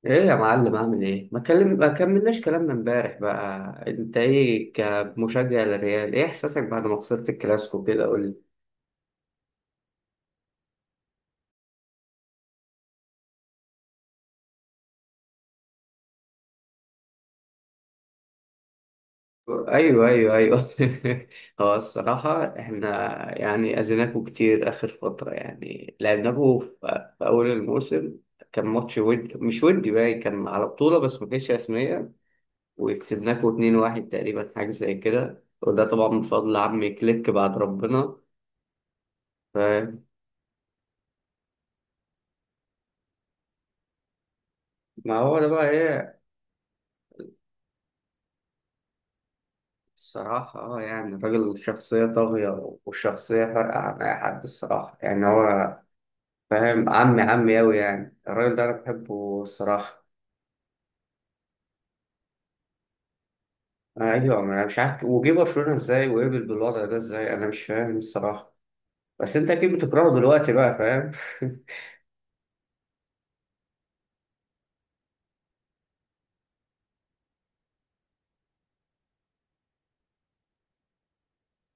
ايه يا معلم اعمل ايه؟ ما كلم ما كملناش كلامنا امبارح بقى. انت ايه كمشجع للريال؟ ايه احساسك بعد ما خسرت الكلاسيكو كده؟ قول لي. ايوه، ايوه، ايوه. هو الصراحه احنا يعني اذيناكوا كتير اخر فتره، يعني لعبناكوا في اول الموسم. كان ماتش ودي مش ودي، باين كان على بطوله بس ما كانتش رسميه، وكسبناكوا 2-1 تقريبا، حاجه زي كده، وده طبعا من فضل عمي كليك بعد ربنا. ف- ما هو ده بقى ايه. الصراحة اه، يعني الراجل شخصية طاغية، والشخصية فارقة عن أي حد الصراحة، يعني هو فاهم. عمي عمي أوي يعني الراجل ده، أنا بحبه الصراحة. أيوة، ما أنا مش عارف وجه برشلونة إزاي وقبل بالوضع ده إزاي، أنا مش فاهم الصراحة. بس أنت أكيد بتكرهه دلوقتي بقى، فاهم.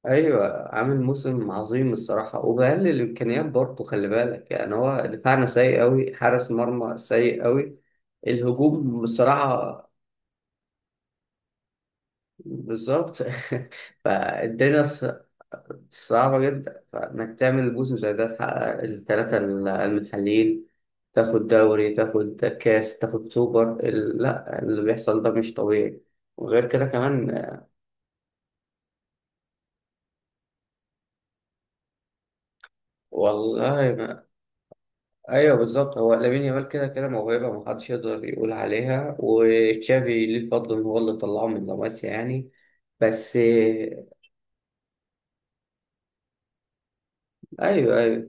أيوة، عامل موسم عظيم الصراحة، وبقلل الإمكانيات برضه، خلي بالك. يعني هو دفاعنا سيء أوي، حارس مرمى سيء أوي، الهجوم بصراحة بالظبط. فالدنيا صعبة جدا، فإنك تعمل جزء زي ده، تحقق الثلاثة المحليين، تاخد دوري، تاخد كاس، تاخد سوبر، لا، اللي بيحصل ده مش طبيعي. وغير كده كمان والله ما... أيوه بالظبط. هو لامين يامال كده كده موهبة محدش يقدر يقول عليها، وتشافي ليه الفضل إن هو اللي طلعه من لاماسيا يعني، بس أيوه. أيوه،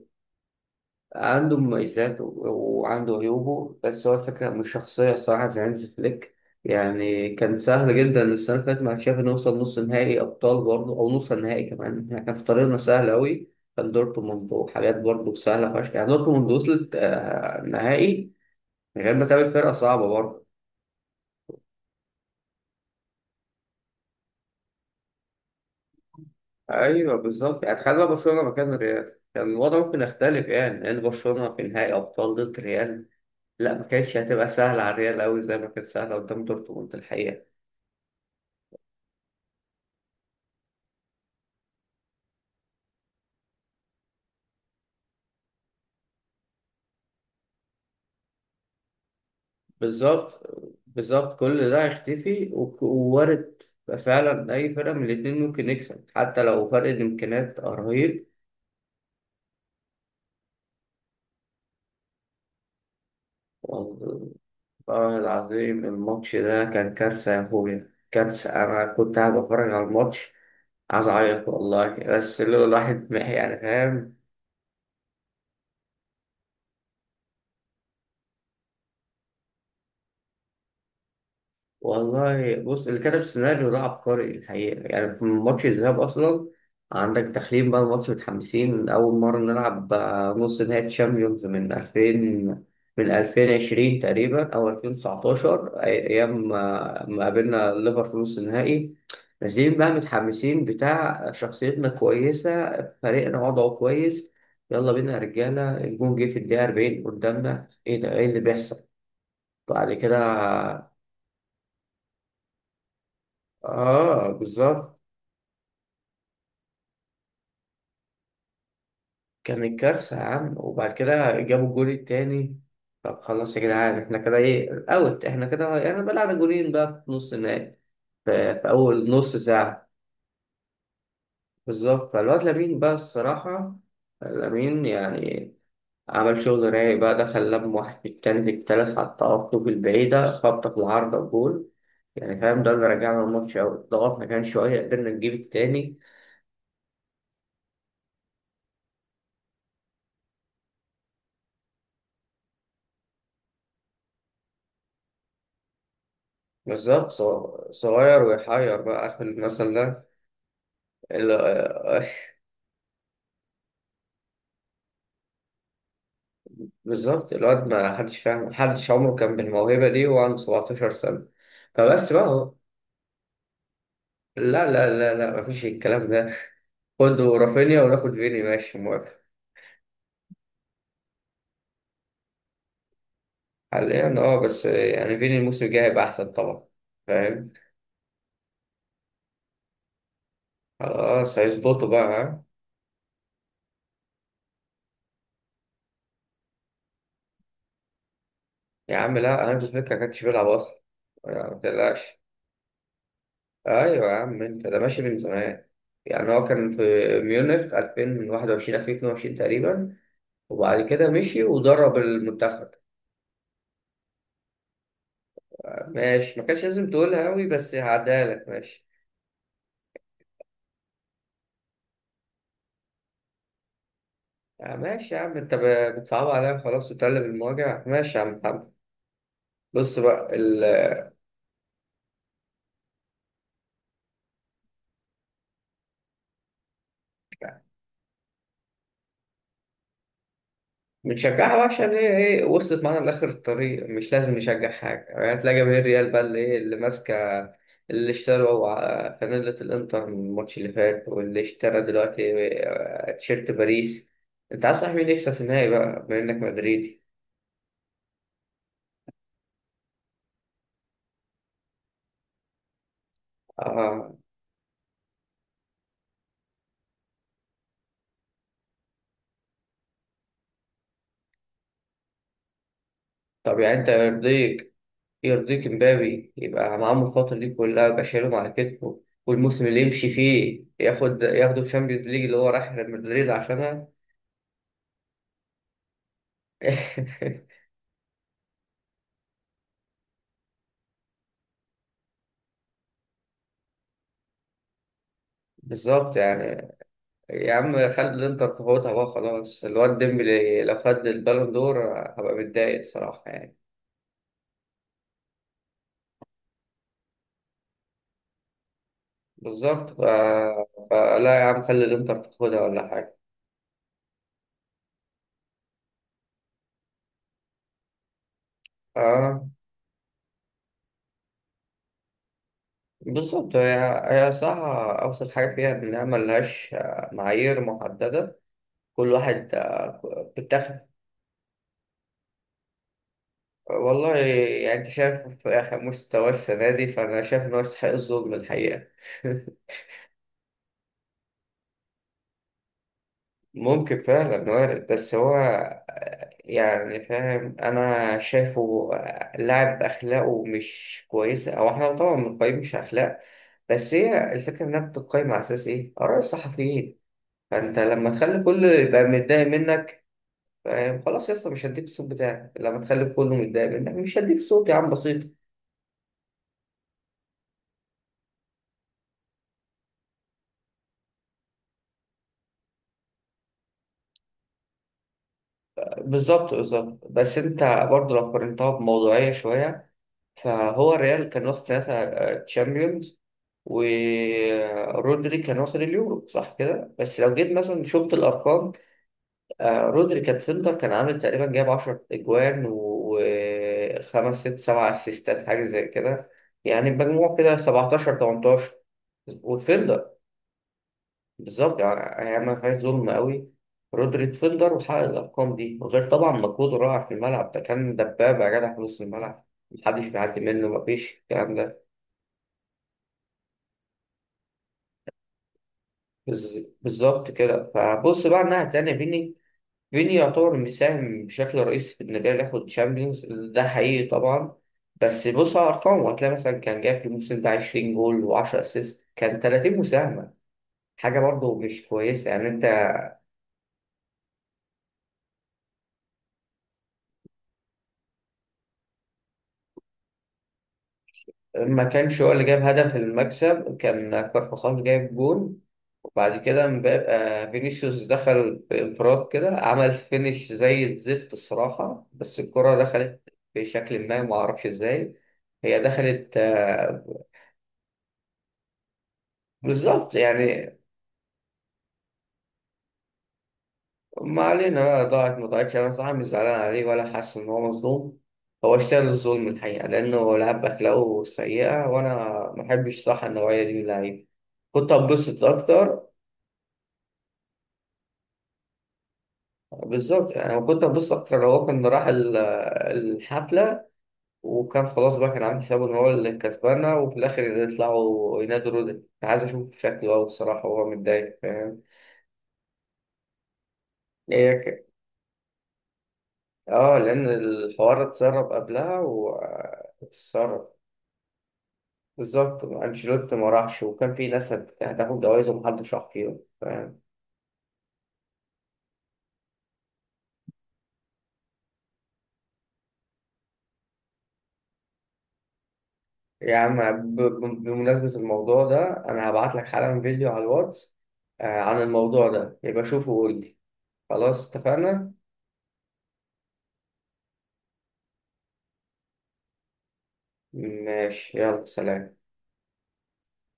عنده مميزات وعنده عيوبه، بس هو الفكرة من الشخصية الصراحة زي هانز فليك. يعني كان سهل جدا السنة اللي فاتت مع تشافي نوصل نص نهائي أبطال برضه، أو نص نهائي كمان احنا كان في طريقنا سهل أوي، كان دورتموند وحاجات برضه سهلة فشخ. يعني دورتموند وصلت نهائي من غير ما تقابل فرقة صعبة برضه. أيوه بالظبط، يعني تخيل بقى برشلونة مكان الريال كان الوضع ممكن يختلف، يعني لأن برشلونة في نهائي أبطال ضد ريال، لا ما كانتش هتبقى سهلة على الريال أوي زي ما كانت سهلة قدام دورتموند الحقيقة. بالظبط، بالظبط، كل ده هيختفي ووارد فعلا أي فرقة من الاتنين ممكن يكسب، حتى لو فرق الإمكانيات رهيب. والله العظيم الماتش ده كان كارثة يا أخويا، كارثة. أنا كنت قاعد بتفرج على الماتش عايز أعيط والله، بس اللي هو الواحد يعني فاهم. والله بص، اللي كتب السيناريو ده عبقري الحقيقة، يعني في ماتش الذهاب أصلا عندك تحليل بقى. الماتش متحمسين، أول مرة نلعب نص نهائي تشامبيونز من 2000، من 2020 تقريبا أو 2019، أيام ما قابلنا الليفر في نص النهائي. نازلين بقى متحمسين بتاع، شخصيتنا كويسة، فريقنا وضعه كويس، يلا بينا يا رجالة. الجون جه في الدقيقة 40 قدامنا، إيه ده؟ إيه اللي بيحصل بعد كده؟ اه بالظبط. كانت كارثة يا عم، وبعد كده جابوا الجول التاني. طب خلاص يا جدعان، احنا كده ايه اوت، احنا كده انا بلعب جولين بقى في نص النهائي في أول نص ساعة. بالظبط. فالواد لامين بقى الصراحة، لامين يعني عمل شغل رايق بقى، دخل لم واحد في التاني في التالت، حط في البعيدة خبطة في العارضة وجول. يعني فاهم، ده اللي رجعنا الماتش أوي، ضغطنا كان شوية، قدرنا نجيب التاني. بالظبط. صغير ويحير بقى آخر المثل ده. بالظبط. الواد ما حدش فاهم، محدش عمره كان بالموهبة دي وهو عنده 17 سنة. فبس بقى هو، لا لا لا لا، مفيش الكلام ده. خد رافينيا وناخد فيني، ماشي موافق. حاليا اه، بس يعني فيني الموسم الجاي هيبقى أحسن طبعا، فاهم. خلاص هيظبطوا بقى، ها؟ يا عم لا، هانز فليك ما كانش بيلعب أصلا، يعني ما تقلقش. أيوة يا عم، أنت ده ماشي من زمان، يعني هو كان في ميونخ 2021 2022 تقريبا، وبعد كده مشي ودرب المنتخب. ماشي، ما كانش لازم تقولها أوي، بس هعديها لك ماشي. آه ماشي يا عم، أنت بتصعب عليا خلاص وتقلب المواجع، ماشي يا عم محمد. بص بقى بنشجعها بقى عشان هي إيه، وصلت معانا لآخر الطريق، مش لازم نشجع حاجة. يعني تلاقي جماهير ريال بقى اللي إيه اللي ماسكة، اللي اشتروا فانيلة الإنتر من الماتش اللي فات، واللي اشترى دلوقتي تيشيرت باريس. أنت عايز صاحبي مين يكسب في النهائي بقى بما إنك مدريدي؟ آه، طب يعني أنت يرضيك، يرضيك امبابي يبقى معاهم الفترة دي كلها، يبقى شايلهم على كتفه، والموسم اللي يمشي فيه ياخد، ياخده الشامبيونز ليج اللي هو رايح ريال مدريد عشانها؟ بالظبط يعني. يا عم خلي الانتر تفوتها بقى خلاص، الواد ديمبلي لو خد البالون دور هبقى متضايق الصراحة يعني. بالظبط فلا يا عم خلي الانتر تاخدها ولا حاجة. اه بالظبط، هي هي صح. أوسط حاجة فيها إنها ملهاش معايير محددة. كل واحد بتاخد. والله يعني انت شايف في مستوى السنة دي، فأنا شايف إن هو يستحق الظلم الحقيقة. ممكن فعلا وارد، بس هو يعني فاهم، أنا شايفه لاعب أخلاقه مش كويسة. أو إحنا طبعا بنقيم مش أخلاق، بس هي الفكرة إنها بتقيم على أساس إيه؟ آراء الصحفيين. فأنت لما تخلي كله يبقى متضايق منك، فاهم؟ خلاص يا اسطى مش هديك الصوت بتاعك، لما تخلي كله متضايق منك مش هديك صوت يا عم، بسيط. بالظبط، بالظبط، بس انت برضه لو قارنتها بموضوعية شوية، فهو الريال كان واخد ساعتها تشامبيونز، ورودري كان واخد اليورو صح كده، بس لو جيت مثلا شفت الارقام، رودري كان فيلدر، كان عامل تقريبا جايب 10 اجوان وخمس ست سبع اسيستات حاجه زي كده، يعني بمجموع كده 17 18 وفيلدر. بالظبط، يعني هي ما فيهاش ظلم قوي. رودري ديفندر وحقق الارقام دي، وغير طبعا مجهوده الرائع في الملعب، ده كان دبابه يا جدع في نص الملعب، محدش بيعدي منه، مفيش الكلام ده. بالظبط كده. فبص بقى الناحيه التانيه فيني، فيني يعتبر مساهم بشكل رئيسي في ان الريال ياخد تشامبيونز ده، حقيقي طبعا. بس بص على ارقامه هتلاقي مثلا كان جايب في الموسم ده 20 جول و10 اسيست، كان 30 مساهمه، حاجه برضه مش كويسه يعني انت. ما كانش هو اللي جاب هدف المكسب، كان كارفاخال جايب جون. وبعد كده فينيسيوس دخل بانفراد كده، عمل فينش زي الزفت الصراحة، بس الكرة دخلت بشكل ما اعرفش ازاي، هي دخلت بالظبط يعني. ما علينا بقى، ضاعت ما ضاعتش انا صراحة مش زعلان عليه، ولا حاسس ان هو مظلوم. هو اشتغل الظلم الحقيقة لأنه لعب بأخلاقه سيئة، وأنا ما بحبش صح النوعية دي من اللعيبة، كنت هتبسط أكتر. بالظبط يعني. انا كنت هبص اكتر لو هو كان راح الحفله، وكان خلاص بقى كان عامل حسابه ان هو اللي كسبانه، وفي الاخر يطلعوا ينادوا رودن، انا عايز اشوف شكله قوي الصراحه وهو متضايق، فاهم. هي ك- اه، لان الحوار اتسرب قبلها واتسرب. بالظبط، انشيلوتي ما راحش، وكان في ناس هتاخد جوائز ومحدش راح فيهم، فاهم. يا عم بمناسبه الموضوع ده انا هبعت لك حالا فيديو على الواتس عن الموضوع ده، يبقى شوفه وقول لي. خلاص اتفقنا. ماشي يلا سلام.